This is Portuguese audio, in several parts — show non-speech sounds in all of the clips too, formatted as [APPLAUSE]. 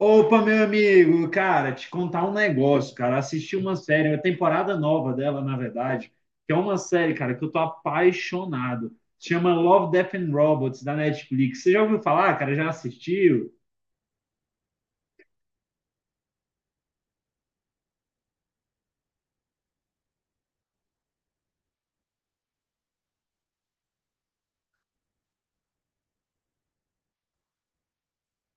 Opa, meu amigo, cara, te contar um negócio, cara. Assisti uma série, uma temporada nova dela, na verdade, que é uma série, cara, que eu tô apaixonado. Chama Love, Death and Robots, da Netflix. Você já ouviu falar, cara? Já assistiu?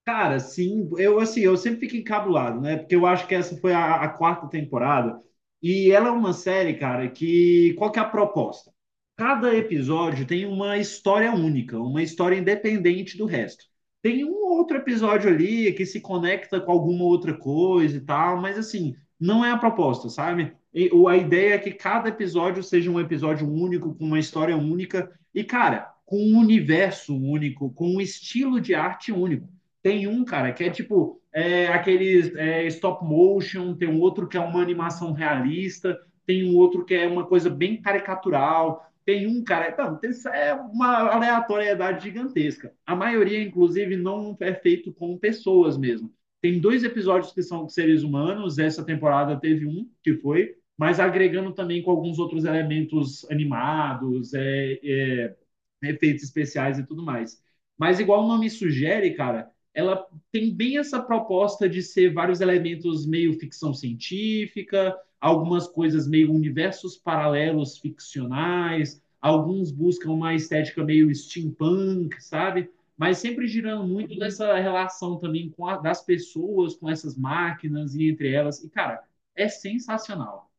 Cara, sim, eu assim, eu sempre fico encabulado, né? Porque eu acho que essa foi a quarta temporada e ela é uma série, cara, que qual que é a proposta? Cada episódio tem uma história única, uma história independente do resto. Tem um outro episódio ali que se conecta com alguma outra coisa e tal, mas assim, não é a proposta, sabe? E, a ideia é que cada episódio seja um episódio único, com uma história única e, cara, com um universo único, com um estilo de arte único. Tem um, cara, que é tipo aqueles stop motion, tem um outro que é uma animação realista, tem um outro que é uma coisa bem caricatural, tem um, cara. Não, tem, é uma aleatoriedade gigantesca. A maioria, inclusive, não é feito com pessoas mesmo. Tem dois episódios que são seres humanos, essa temporada teve um que foi, mas agregando também com alguns outros elementos animados, efeitos especiais e tudo mais. Mas, igual o nome sugere, cara, ela tem bem essa proposta de ser vários elementos meio ficção científica, algumas coisas meio universos paralelos ficcionais, alguns buscam uma estética meio steampunk, sabe? Mas sempre girando muito dessa relação também com das pessoas, com essas máquinas e entre elas. E, cara, é sensacional.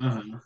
Aham.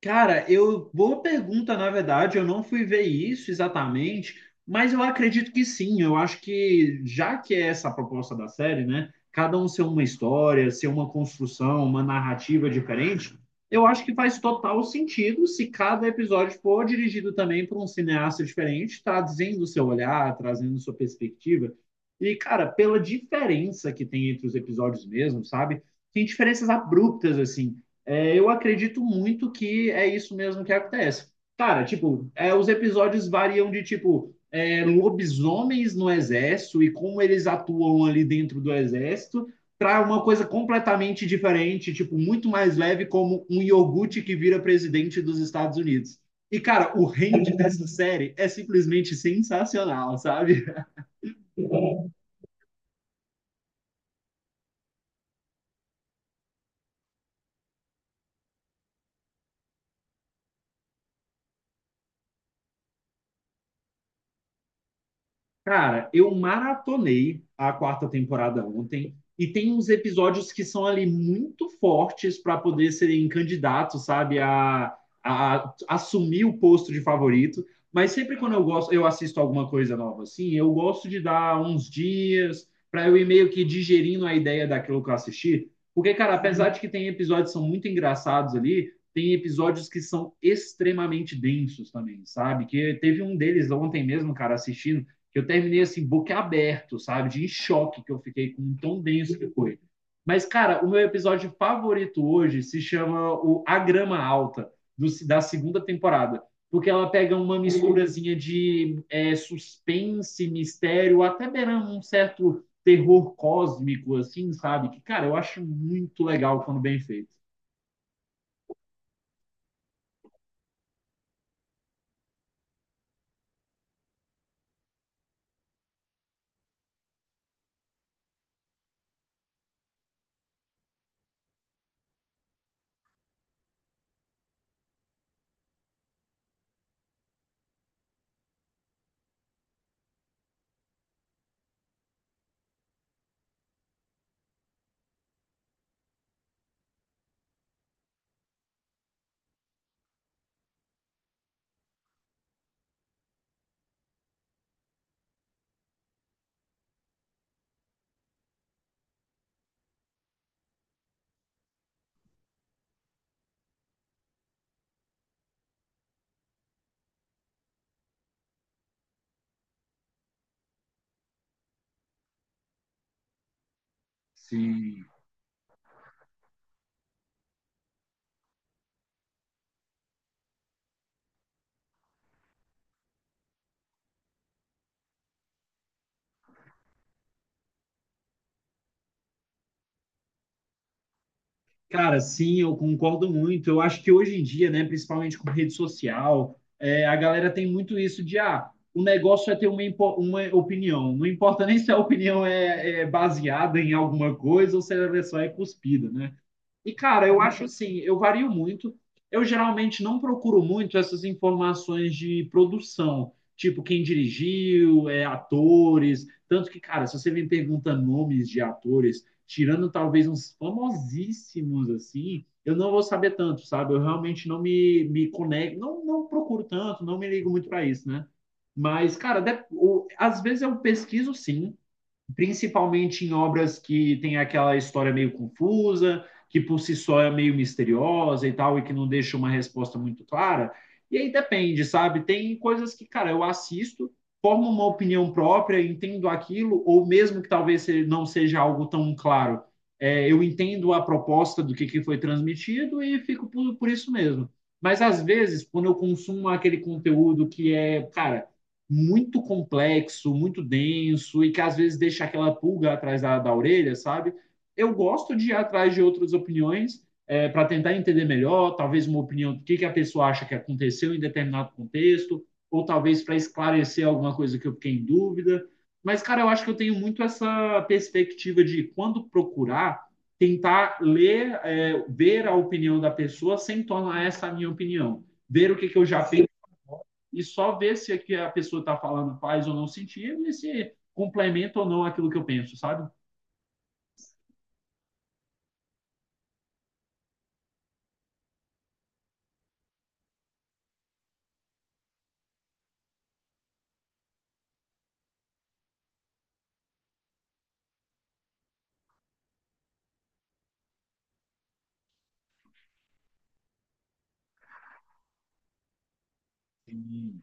Cara, eu boa pergunta, na verdade, eu não fui ver isso exatamente, mas eu acredito que sim. Eu acho que já que é essa a proposta da série, né? Cada um ser uma história, ser uma construção, uma narrativa diferente, eu acho que faz total sentido se cada episódio for dirigido também por um cineasta diferente, trazendo o seu olhar, trazendo sua perspectiva. E, cara, pela diferença que tem entre os episódios mesmo, sabe? Tem diferenças abruptas assim. É, eu acredito muito que é isso mesmo que acontece. Cara, tipo, é, os episódios variam de, tipo, é, lobisomens no exército e como eles atuam ali dentro do exército, para uma coisa completamente diferente, tipo, muito mais leve, como um iogurte que vira presidente dos Estados Unidos. E, cara, o range dessa série é simplesmente sensacional, sabe? Cara, eu maratonei a quarta temporada ontem e tem uns episódios que são ali muito fortes para poder serem candidatos, sabe, a assumir o posto de favorito. Mas sempre quando eu gosto, eu assisto alguma coisa nova assim, eu gosto de dar uns dias para eu ir meio que digerindo a ideia daquilo que eu assisti. Porque, cara, apesar de que tem episódios que são muito engraçados ali, tem episódios que são extremamente densos também, sabe? Que teve um deles ontem mesmo, cara, assistindo que eu terminei assim, boca aberto, sabe? De em choque que eu fiquei com um tão denso que foi. Mas, cara, o meu episódio favorito hoje se chama o A Grama Alta, do, da segunda temporada. Porque ela pega uma misturazinha de é, suspense, mistério, até beirando um certo terror cósmico, assim, sabe? Que, cara, eu acho muito legal quando bem feito. Sim. Cara, sim, eu concordo muito. Eu acho que hoje em dia, né, principalmente com rede social, é, a galera tem muito isso de, ah, o negócio é ter uma, uma opinião. Não importa [LAUGHS] nem se a opinião é, é baseada em alguma coisa ou se ela é só é cuspida, né? E, cara, eu acho assim, eu vario muito. Eu geralmente não procuro muito essas informações de produção, tipo quem dirigiu, é, atores. Tanto que, cara, se você me pergunta nomes de atores, tirando talvez uns famosíssimos assim, eu não vou saber tanto, sabe? Eu realmente não me, me conecto, não, não procuro tanto, não me ligo muito para isso, né? Mas, cara, às vezes eu pesquiso sim, principalmente em obras que tem aquela história meio confusa, que por si só é meio misteriosa e tal, e que não deixa uma resposta muito clara. E aí depende, sabe? Tem coisas que, cara, eu assisto, formo uma opinião própria, entendo aquilo, ou mesmo que talvez não seja algo tão claro, é, eu entendo a proposta do que foi transmitido e fico por isso mesmo. Mas às vezes, quando eu consumo aquele conteúdo que é, cara muito complexo, muito denso e que às vezes deixa aquela pulga atrás da orelha, sabe? Eu gosto de ir atrás de outras opiniões é, para tentar entender melhor, talvez uma opinião do que a pessoa acha que aconteceu em determinado contexto, ou talvez para esclarecer alguma coisa que eu fiquei em dúvida. Mas, cara, eu acho que eu tenho muito essa perspectiva de quando procurar, tentar ler, é, ver a opinião da pessoa sem tornar essa a minha opinião. Ver o que, que eu já penso e só ver se o que a pessoa está falando faz ou não sentido e se complementa ou não aquilo que eu penso, sabe? Sim.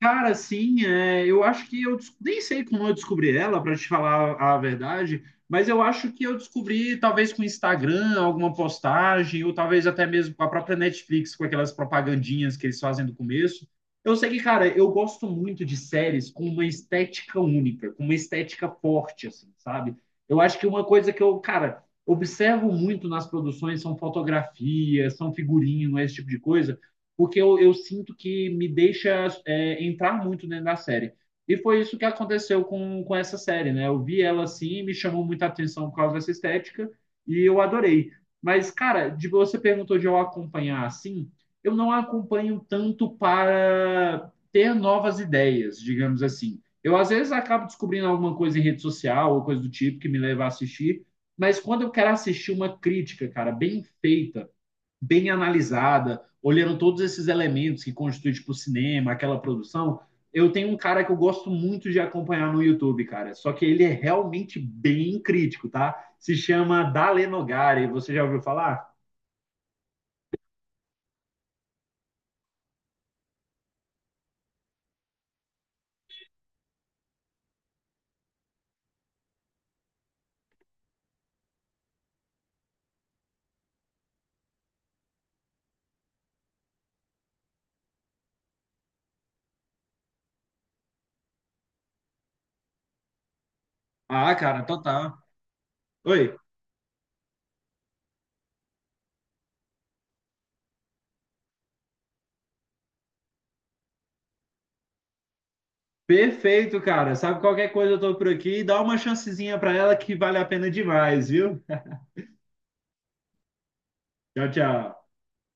Cara, assim, é, eu acho que eu nem sei como eu descobri ela, para te falar a verdade, mas eu acho que eu descobri talvez com o Instagram, alguma postagem, ou talvez até mesmo com a própria Netflix, com aquelas propagandinhas que eles fazem do começo. Eu sei que, cara, eu gosto muito de séries com uma estética única, com uma estética forte, assim, sabe? Eu acho que uma coisa que eu, cara, observo muito nas produções são fotografias, são figurino, esse tipo de coisa porque eu sinto que me deixa é, entrar muito dentro da série. E foi isso que aconteceu com essa série, né? Eu vi ela assim, me chamou muita atenção por causa dessa estética e eu adorei. Mas, cara, de, você perguntou de eu acompanhar assim, eu não acompanho tanto para ter novas ideias, digamos assim. Eu, às vezes, acabo descobrindo alguma coisa em rede social ou coisa do tipo que me leva a assistir, mas quando eu quero assistir uma crítica, cara, bem feita, bem analisada, olhando todos esses elementos que constituem tipo, o cinema, aquela produção, eu tenho um cara que eu gosto muito de acompanhar no YouTube, cara. Só que ele é realmente bem crítico, tá? Se chama Dale Nogari. Você já ouviu falar? Ah, cara, total. Oi. Perfeito, cara. Sabe qualquer coisa, eu tô por aqui. Dá uma chancezinha pra ela que vale a pena demais, viu? Tchau, tchau.